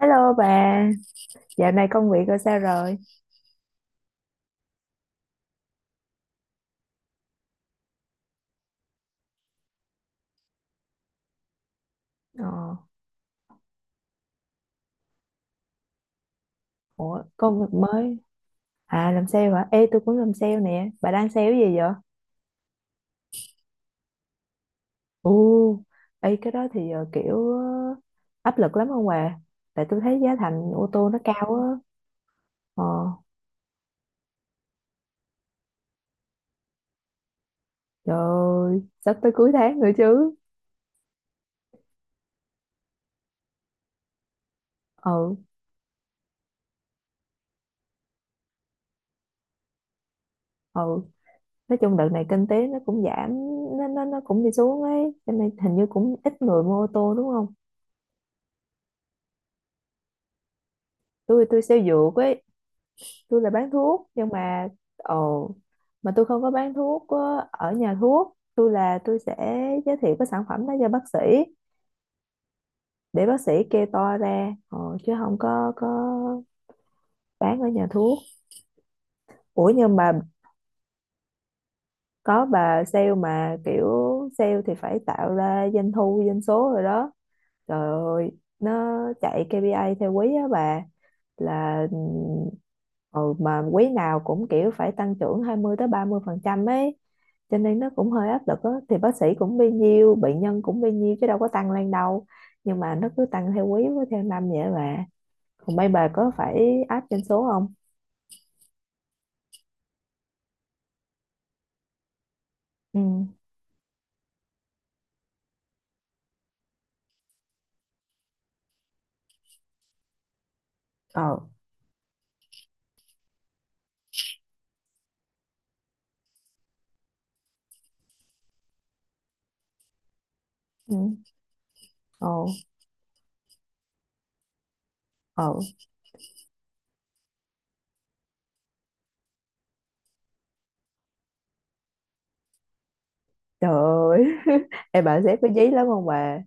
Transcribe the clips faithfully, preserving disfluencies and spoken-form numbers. Hello bà, dạo này công việc rồi sao rồi? Ờ, ủa, công việc mới. À, làm sale hả? Ê, tôi cũng làm sale nè. Bà đang sale cái gì vậy? Ồ, ê, cái đó thì ờ, kiểu ờ, áp lực lắm không bà? Tại tôi thấy giá thành ô tô nó cao á. Ờ, trời ơi, sắp tới cuối tháng nữa chứ. Ừ, ừ. Nói chung đợt này kinh tế nó cũng giảm. Nó, nó, nó cũng đi xuống ấy. Cho nên hình như cũng ít người mua ô tô đúng không? Tôi, tôi sale dược ấy, tôi là bán thuốc nhưng mà ồ, mà tôi không có bán thuốc ờ, ở nhà thuốc, tôi là tôi sẽ giới thiệu cái sản phẩm đó cho bác sĩ để bác sĩ kê toa ra ờ, chứ không có có bán ở nhà thuốc. Ủa nhưng mà có, bà sale mà kiểu sale thì phải tạo ra doanh thu doanh số rồi đó. Trời ơi, nó chạy ca pê i theo quý á bà, là ừ, mà quý nào cũng kiểu phải tăng trưởng 20 tới 30 phần trăm ấy, cho nên nó cũng hơi áp lực á, thì bác sĩ cũng bấy nhiêu, bệnh nhân cũng bấy nhiêu chứ đâu có tăng lên đâu. Nhưng mà nó cứ tăng theo quý với theo năm vậy bà. Còn mấy bà có phải áp doanh số không? Ừ, ờ, ừ, ờ, ồ, trời ơi. Em, bà sếp có dí lắm không bà?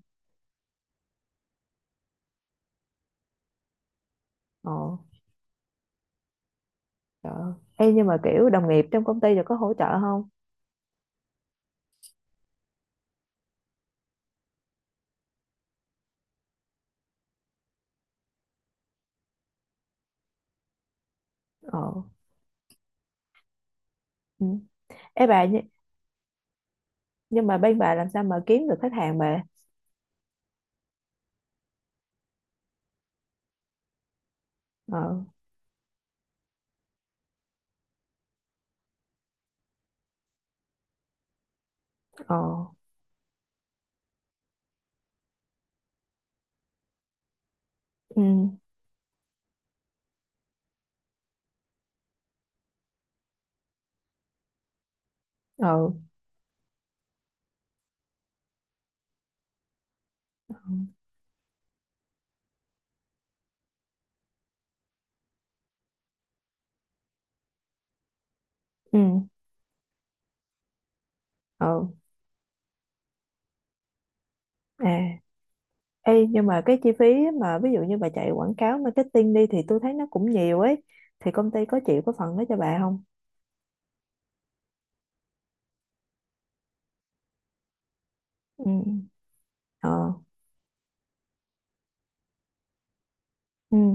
Ờ, trời ơi. Ê, nhưng mà kiểu đồng nghiệp trong công ty rồi có hỗ trợ không? Ờ, ừ. Ê bà, nhưng mà bên bà làm sao mà kiếm được khách hàng bà? Ờ, ờ, ừ, ờ, ừ, ờ, à. Ê, nhưng mà cái chi phí mà ví dụ như bà chạy quảng cáo marketing đi thì tôi thấy nó cũng nhiều ấy, thì công ty có chịu có phần đó cho bà không? Ừ, ờ, ừ,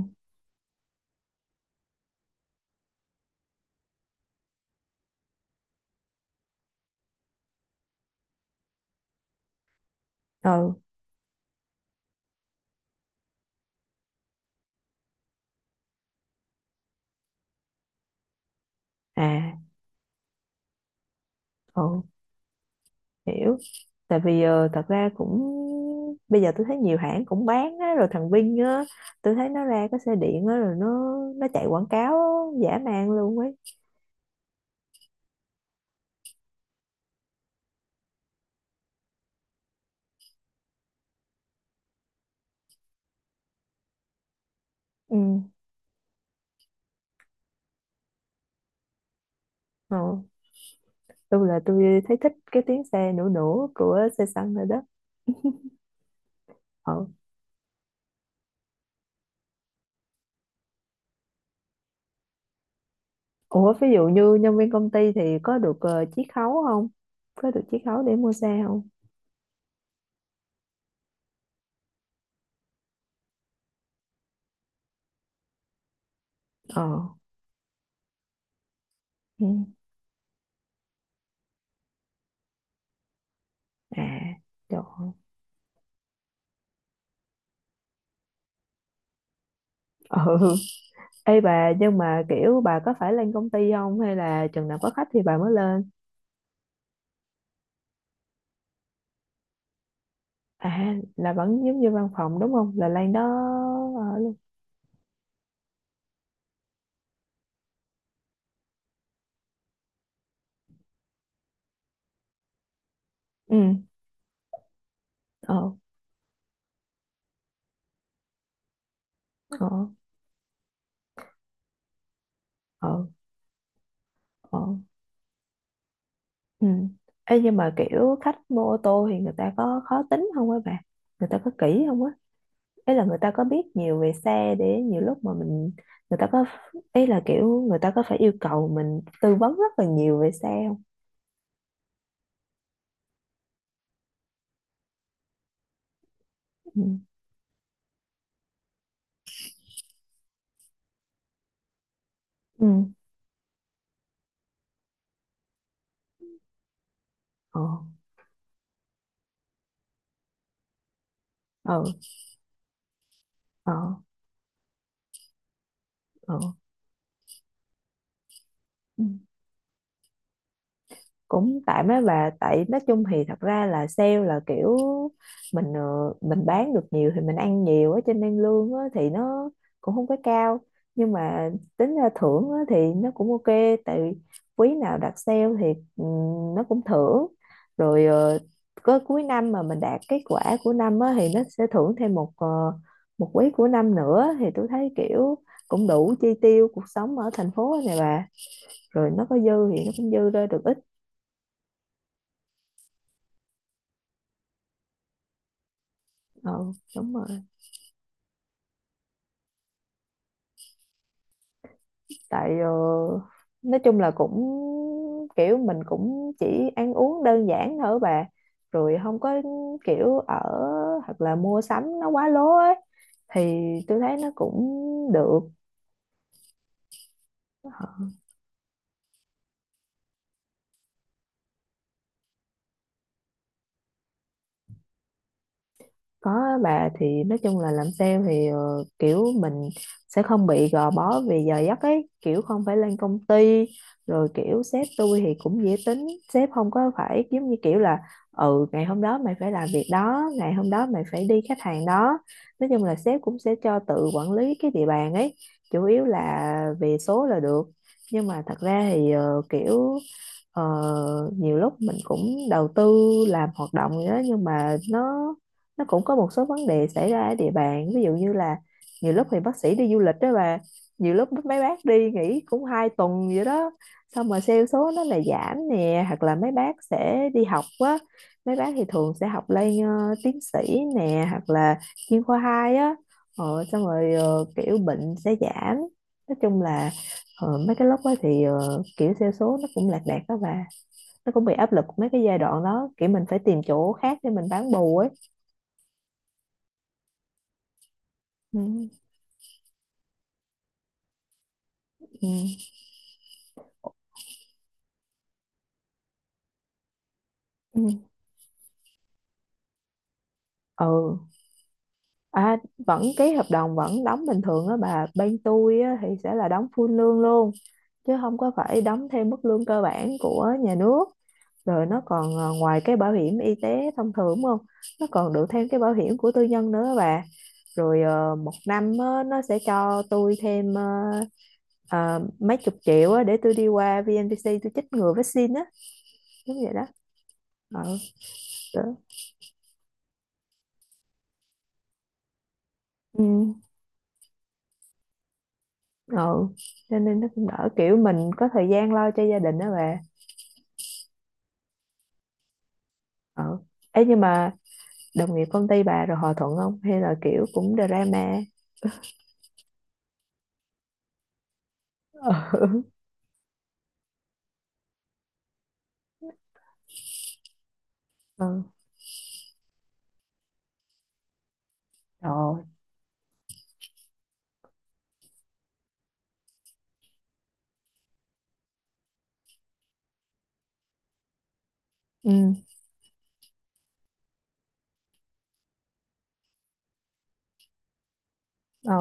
ờ, à, ờ, hiểu. Tại vì ờ, thật ra cũng, bây giờ tôi thấy nhiều hãng cũng bán á, rồi thằng Vinh á, tôi thấy nó ra cái xe điện á, rồi nó nó chạy quảng cáo giả man luôn ấy. Ừ, ờ, tôi là tôi thấy thích cái tiếng xe nổ nổ của xe xăng rồi đó. Ờ. Ủa ví dụ như nhân viên công ty thì có được ờ, chiết khấu không, có được chiết khấu để mua xe không? Ờ, ừ, à, trời ơi. Ừ. Ê bà, nhưng mà kiểu bà có phải lên công ty không hay là chừng nào có khách thì bà mới lên? À là vẫn giống như văn phòng đúng không, là lên đó ờ, luôn. Ừ, ờ, ờ, ờ, ờ, ừ. Ê, nhưng mà kiểu khách mua ô tô thì người ta có khó tính không á bà? Người ta có kỹ không á? Ý là người ta có biết nhiều về xe để nhiều lúc mà mình, người ta có, ý là kiểu người ta có phải yêu cầu mình tư vấn rất là nhiều về xe không? Ừ. Ừ. Ờ. Ờ. Ờ. Ờ. Ừ. Cũng tạm á bà, tại nói chung thì thật ra là sale là kiểu mình ờ, mình bán được nhiều thì mình ăn nhiều á, cho nên lương á thì nó cũng không có cao, nhưng mà tính ra thưởng á thì nó cũng ok. Tại vì quý nào đạt sale thì ừm, nó cũng thưởng, rồi ờ, có cuối năm mà mình đạt kết quả của năm á thì nó sẽ thưởng thêm một ờ, một quý của năm nữa, thì tôi thấy kiểu cũng đủ chi tiêu cuộc sống ở thành phố này bà, rồi nó có dư thì nó cũng dư ra được ít. Ừ, đúng rồi. Tại ờ, nói chung là cũng kiểu mình cũng chỉ ăn uống đơn giản thôi bà, rồi không có kiểu ở, hoặc là mua sắm nó quá lố ấy thì tôi thấy nó cũng được. Có á bà, thì nói chung là làm sale thì ờ, kiểu mình sẽ không bị gò bó vì giờ giấc ấy, kiểu không phải lên công ty, rồi kiểu sếp tôi thì cũng dễ tính, sếp không có phải giống như kiểu là ừ, ngày hôm đó mày phải làm việc đó, ngày hôm đó mày phải đi khách hàng đó. Nói chung là sếp cũng sẽ cho tự quản lý cái địa bàn ấy, chủ yếu là về số là được. Nhưng mà thật ra thì ờ, kiểu ờ, nhiều lúc mình cũng đầu tư làm hoạt động gì đó nhưng mà nó nó cũng có một số vấn đề xảy ra ở địa bàn, ví dụ như là nhiều lúc thì bác sĩ đi du lịch đó bà, nhiều lúc mấy bác đi nghỉ cũng hai tuần vậy đó, xong mà sale số nó là giảm nè, hoặc là mấy bác sẽ đi học á, mấy bác thì thường sẽ học lên ờ, tiến sĩ nè, hoặc là chuyên khoa hai á. Ờ, xong rồi ờ, kiểu bệnh sẽ giảm. Nói chung là ờ, mấy cái lúc đó thì ờ, kiểu sale số nó cũng lạc đạc đó bà, nó cũng bị áp lực mấy cái giai đoạn đó, kiểu mình phải tìm chỗ khác để mình bán bù ấy. Ừ. Ừ. Ừ. Ừ. À, vẫn ký hợp đồng vẫn đóng bình thường á bà, bên tôi á, thì sẽ là đóng full lương luôn, chứ không có phải đóng thêm mức lương cơ bản của nhà nước, rồi nó còn à, ngoài cái bảo hiểm y tế thông thường đúng không, nó còn được thêm cái bảo hiểm của tư nhân nữa á bà, rồi ờ, một năm á, nó sẽ cho tôi thêm ờ, ờ, mấy chục triệu á, để tôi đi qua vê en vê xê tôi chích ngừa vaccine á, đúng vậy đó. Ờ, đó. Ừ. Ừ, cho nên nó cũng đỡ, kiểu mình có thời gian lo cho gia đình đó bà. Ừ. Ấy nhưng mà đồng nghiệp công ty bà rồi hòa thuận không hay là kiểu cũng drama? Ừ. Ừ. Rồi. Ừ. Ừ.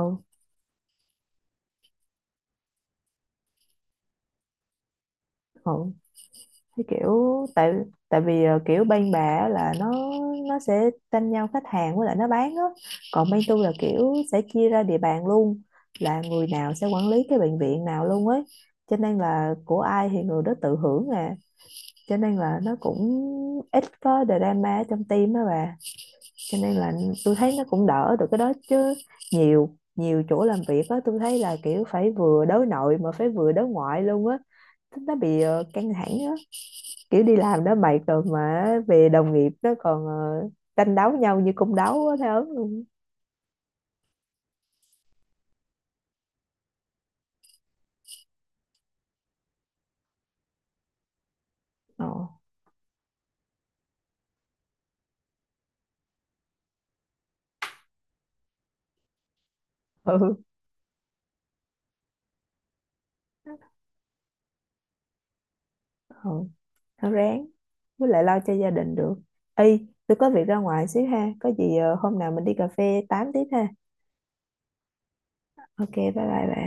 Ừ. Cái kiểu tại, tại vì ờ, kiểu bên bà á là nó nó sẽ tranh nhau khách hàng với lại nó bán á, còn bên tôi là kiểu sẽ chia ra địa bàn luôn, là người nào sẽ quản lý cái bệnh viện nào luôn ấy, cho nên là của ai thì người đó tự hưởng nè, cho nên là nó cũng ít có drama ở trong team á bà, cho nên là tôi thấy nó cũng đỡ được cái đó chứ. Nhiều nhiều chỗ làm việc á, tôi thấy là kiểu phải vừa đối nội mà phải vừa đối ngoại luôn á, thế nó bị ờ, căng thẳng á, kiểu đi làm nó mệt rồi mà về đồng nghiệp nó còn ờ, tranh đấu nhau như cung đấu á, thấy ớn luôn. Ờ. Ừ. Ừ, nó ráng, với lại lo cho gia đình được. Y tôi có việc ra ngoài xíu ha, có gì ờ, hôm nào mình đi cà phê tám tiếp ha. Ok bye bye bà.